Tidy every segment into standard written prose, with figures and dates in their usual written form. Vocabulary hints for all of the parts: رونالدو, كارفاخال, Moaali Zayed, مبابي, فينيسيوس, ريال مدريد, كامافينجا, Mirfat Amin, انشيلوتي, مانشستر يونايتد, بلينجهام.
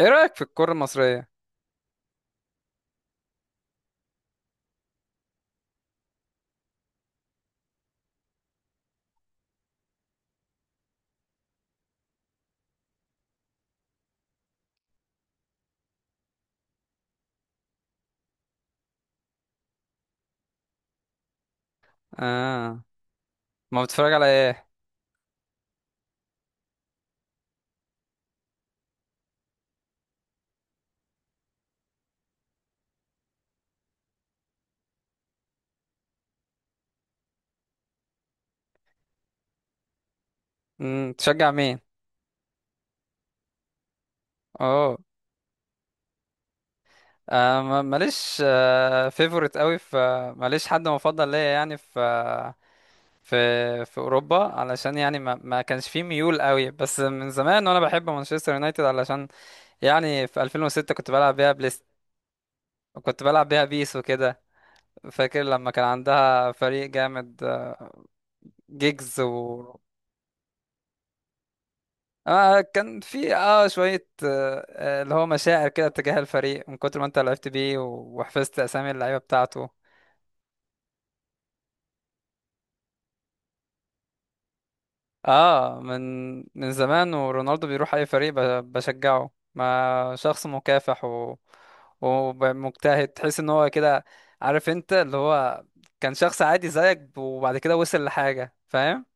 ايه رأيك في الكرة المصرية؟ اه، ما بتتفرج على ايه؟ امم، تشجع مين؟ اوه، آه ماليش آه فيفورت قوي في. ماليش حد مفضل ليا يعني في في في اوروبا، علشان يعني ما كانش فيه ميول قوي، بس من زمان وانا بحب مانشستر يونايتد، علشان يعني في 2006 كنت بلعب بيها بليست، وكنت بلعب بيها بيس وكده. فاكر لما كان عندها فريق جامد، آه، جيجز و آه كان في شوية اللي هو مشاعر كده تجاه الفريق من كتر ما انت لعبت بيه وحفظت اسامي اللعيبة بتاعته. اه، من زمان، ورونالدو بيروح اي فريق بشجعه، ما شخص مكافح و ومجتهد، تحس ان هو كده. عارف انت اللي هو كان شخص عادي زيك، وبعد كده وصل لحاجة، فاهم.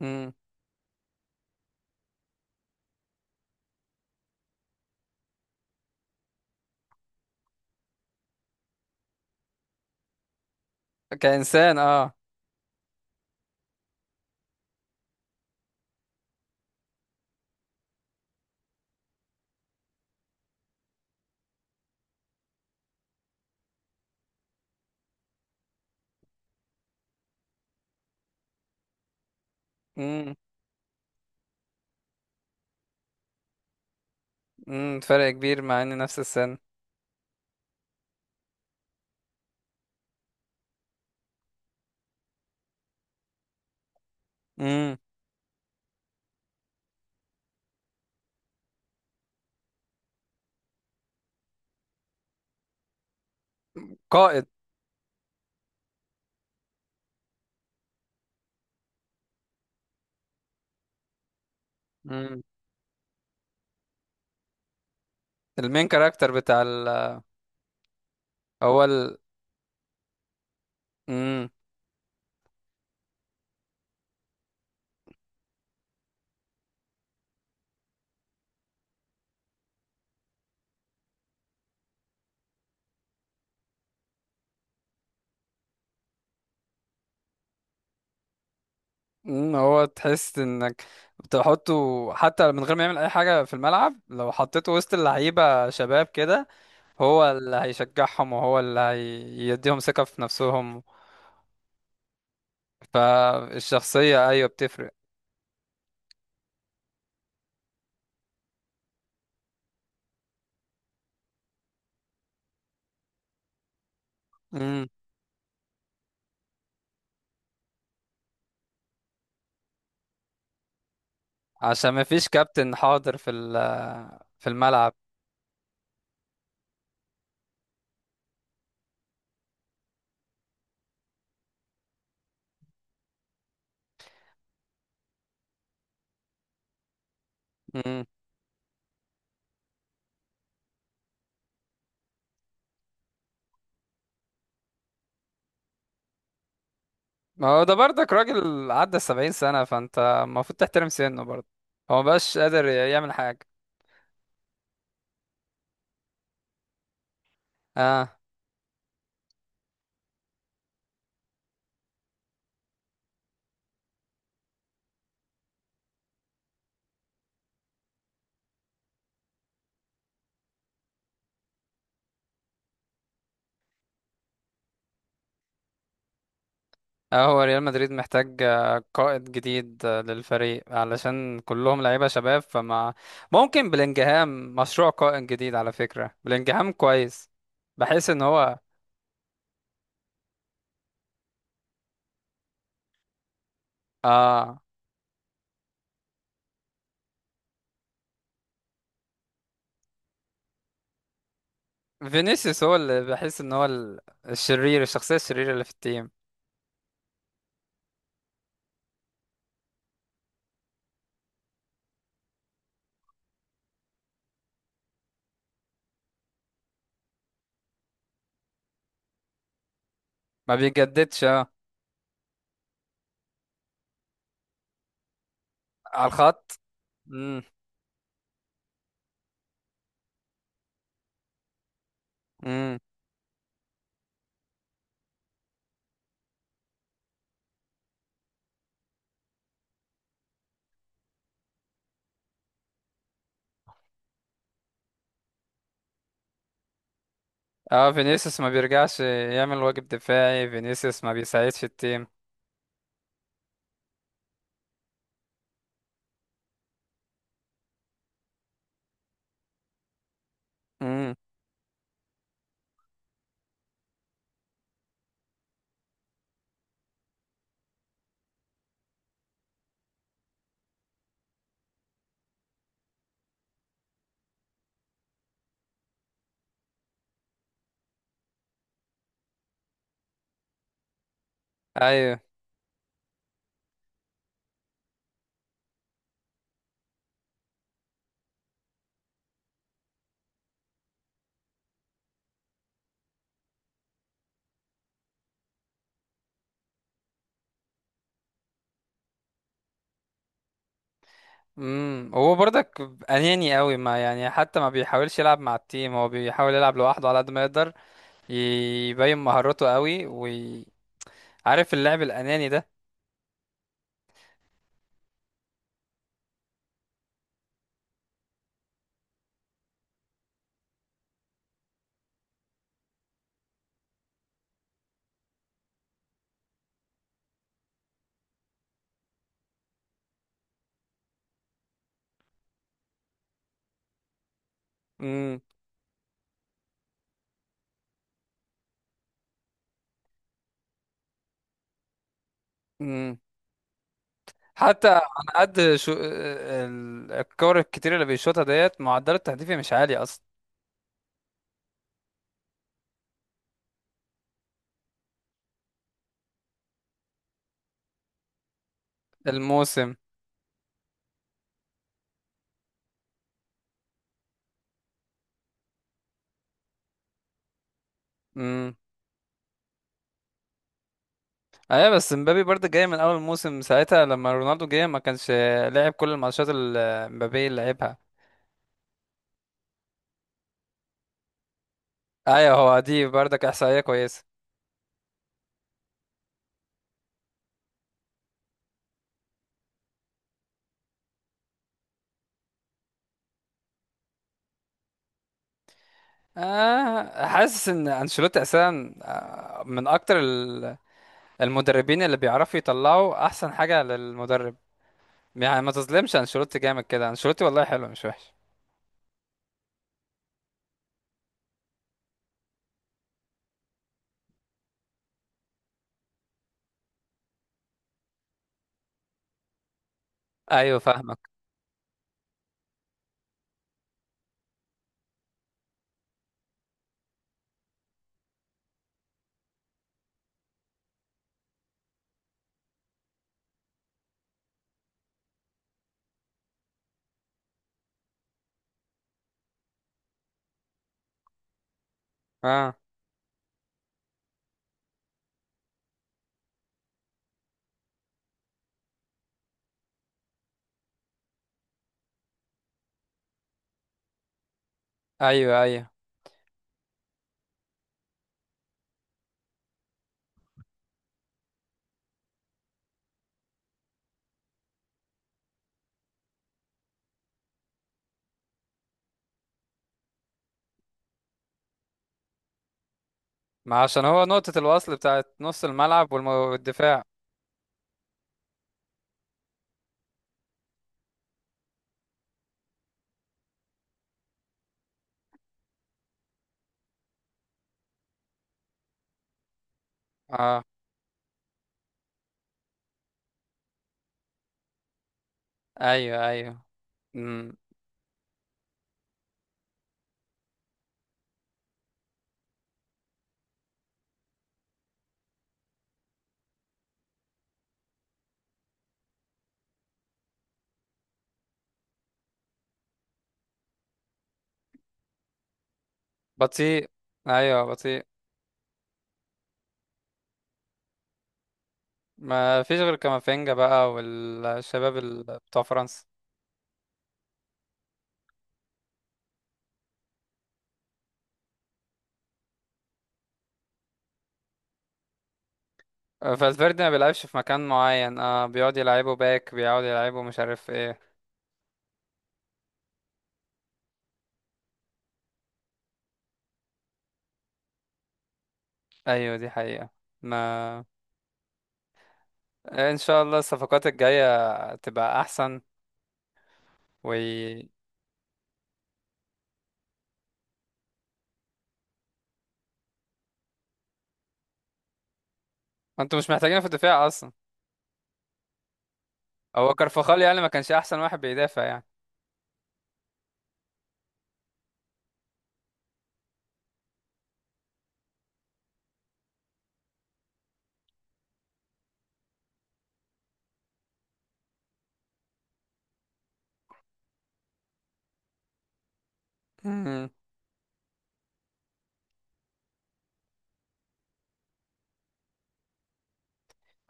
امم، كإنسان اه. امم. امم، فرق كبير مع ان نفس السن. امم، قائد. المين كاركتر بتاع ال هو ال. مم. مم. هو تحس انك بتحطه حتى من غير ما يعمل اي حاجة في الملعب، لو حطيته وسط اللعيبة شباب كده هو اللي هيشجعهم، وهو اللي هيديهم ثقة في نفسهم. فالشخصية، ايوه، بتفرق. مم. عشان ما فيش كابتن حاضر في ال في الملعب. مم. ما هو ده برضك راجل عدى 70 سنة، فانت المفروض تحترم سنه برضه. هو مبقاش قادر يعمل حاجة. اه. اه، هو ريال مدريد محتاج آه، قائد جديد آه، للفريق، علشان كلهم لعيبة شباب فما. ممكن بلينجهام مشروع قائد جديد. على فكرة بلينجهام كويس، بحس ان هو. اه، فينيسيوس هو اللي بحس ان هو الشرير، الشخصية الشريرة اللي في التيم. ما بيجددش اه. على الخط. امم. امم. اه، فينيسيوس ما بيرجعش يعمل واجب دفاعي، فينيسيوس ما بيساعدش التيم. امم. ايوه. امم. هو برضك اناني قوي، ما يعني حتى ما بيحاولش يلعب مع التيم، هو بيحاول يلعب لوحده على قد ما يقدر، يبين مهارته قوي. وعارف اللعب الاناني ده. امم. امم. حتى على قد شو آه، الكور الكتير اللي بيشوطها، ديت معدل التهديفي مش عالي اصلا. الموسم. امم. ايوه، بس مبابي برضه جاي من اول موسم، ساعتها لما رونالدو جه ما كانش لعب كل الماتشات اللي مبابي اللي لعبها. ايوه، هو دي برضك احصائيه كويسه. آه، حاسس ان انشيلوتي اساسا آه، من اكتر المدربين اللي بيعرفوا يطلعوا احسن حاجه للمدرب. يعني ما تظلمش انشيلوتي، جامد كده انشيلوتي، والله حلو مش وحش. ايوه، فاهمك. اه. ايوه، ايوه. ما عشان هو نقطه الوصل بتاعت نص الملعب والدفاع. اه، ايوه، ايوه. امم. بطيء. ايوه، بطيء. ما فيش غير كامافينجا بقى والشباب بتوع فرنسا. فالفيردي ما بيلعبش في مكان معين، اه، بيقعد يلعبه باك، بيقعد يلعبه مش عارف ايه. ايوه، دي حقيقة. ما ان شاء الله الصفقات الجاية تبقى احسن. و انتوا مش محتاجين في الدفاع اصلا. هو كارفاخال يعني ما كانش احسن واحد بيدافع يعني. مم.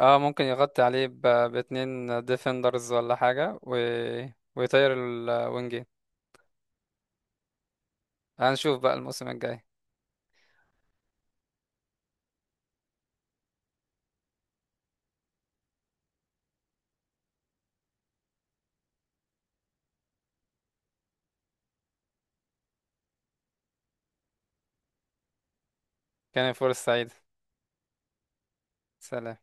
اه، ممكن يغطي عليه باتنين ديفندرز ولا حاجة و ويطير الوينجين. هنشوف بقى الموسم الجاي. كان فرصة سعيدة. سلام.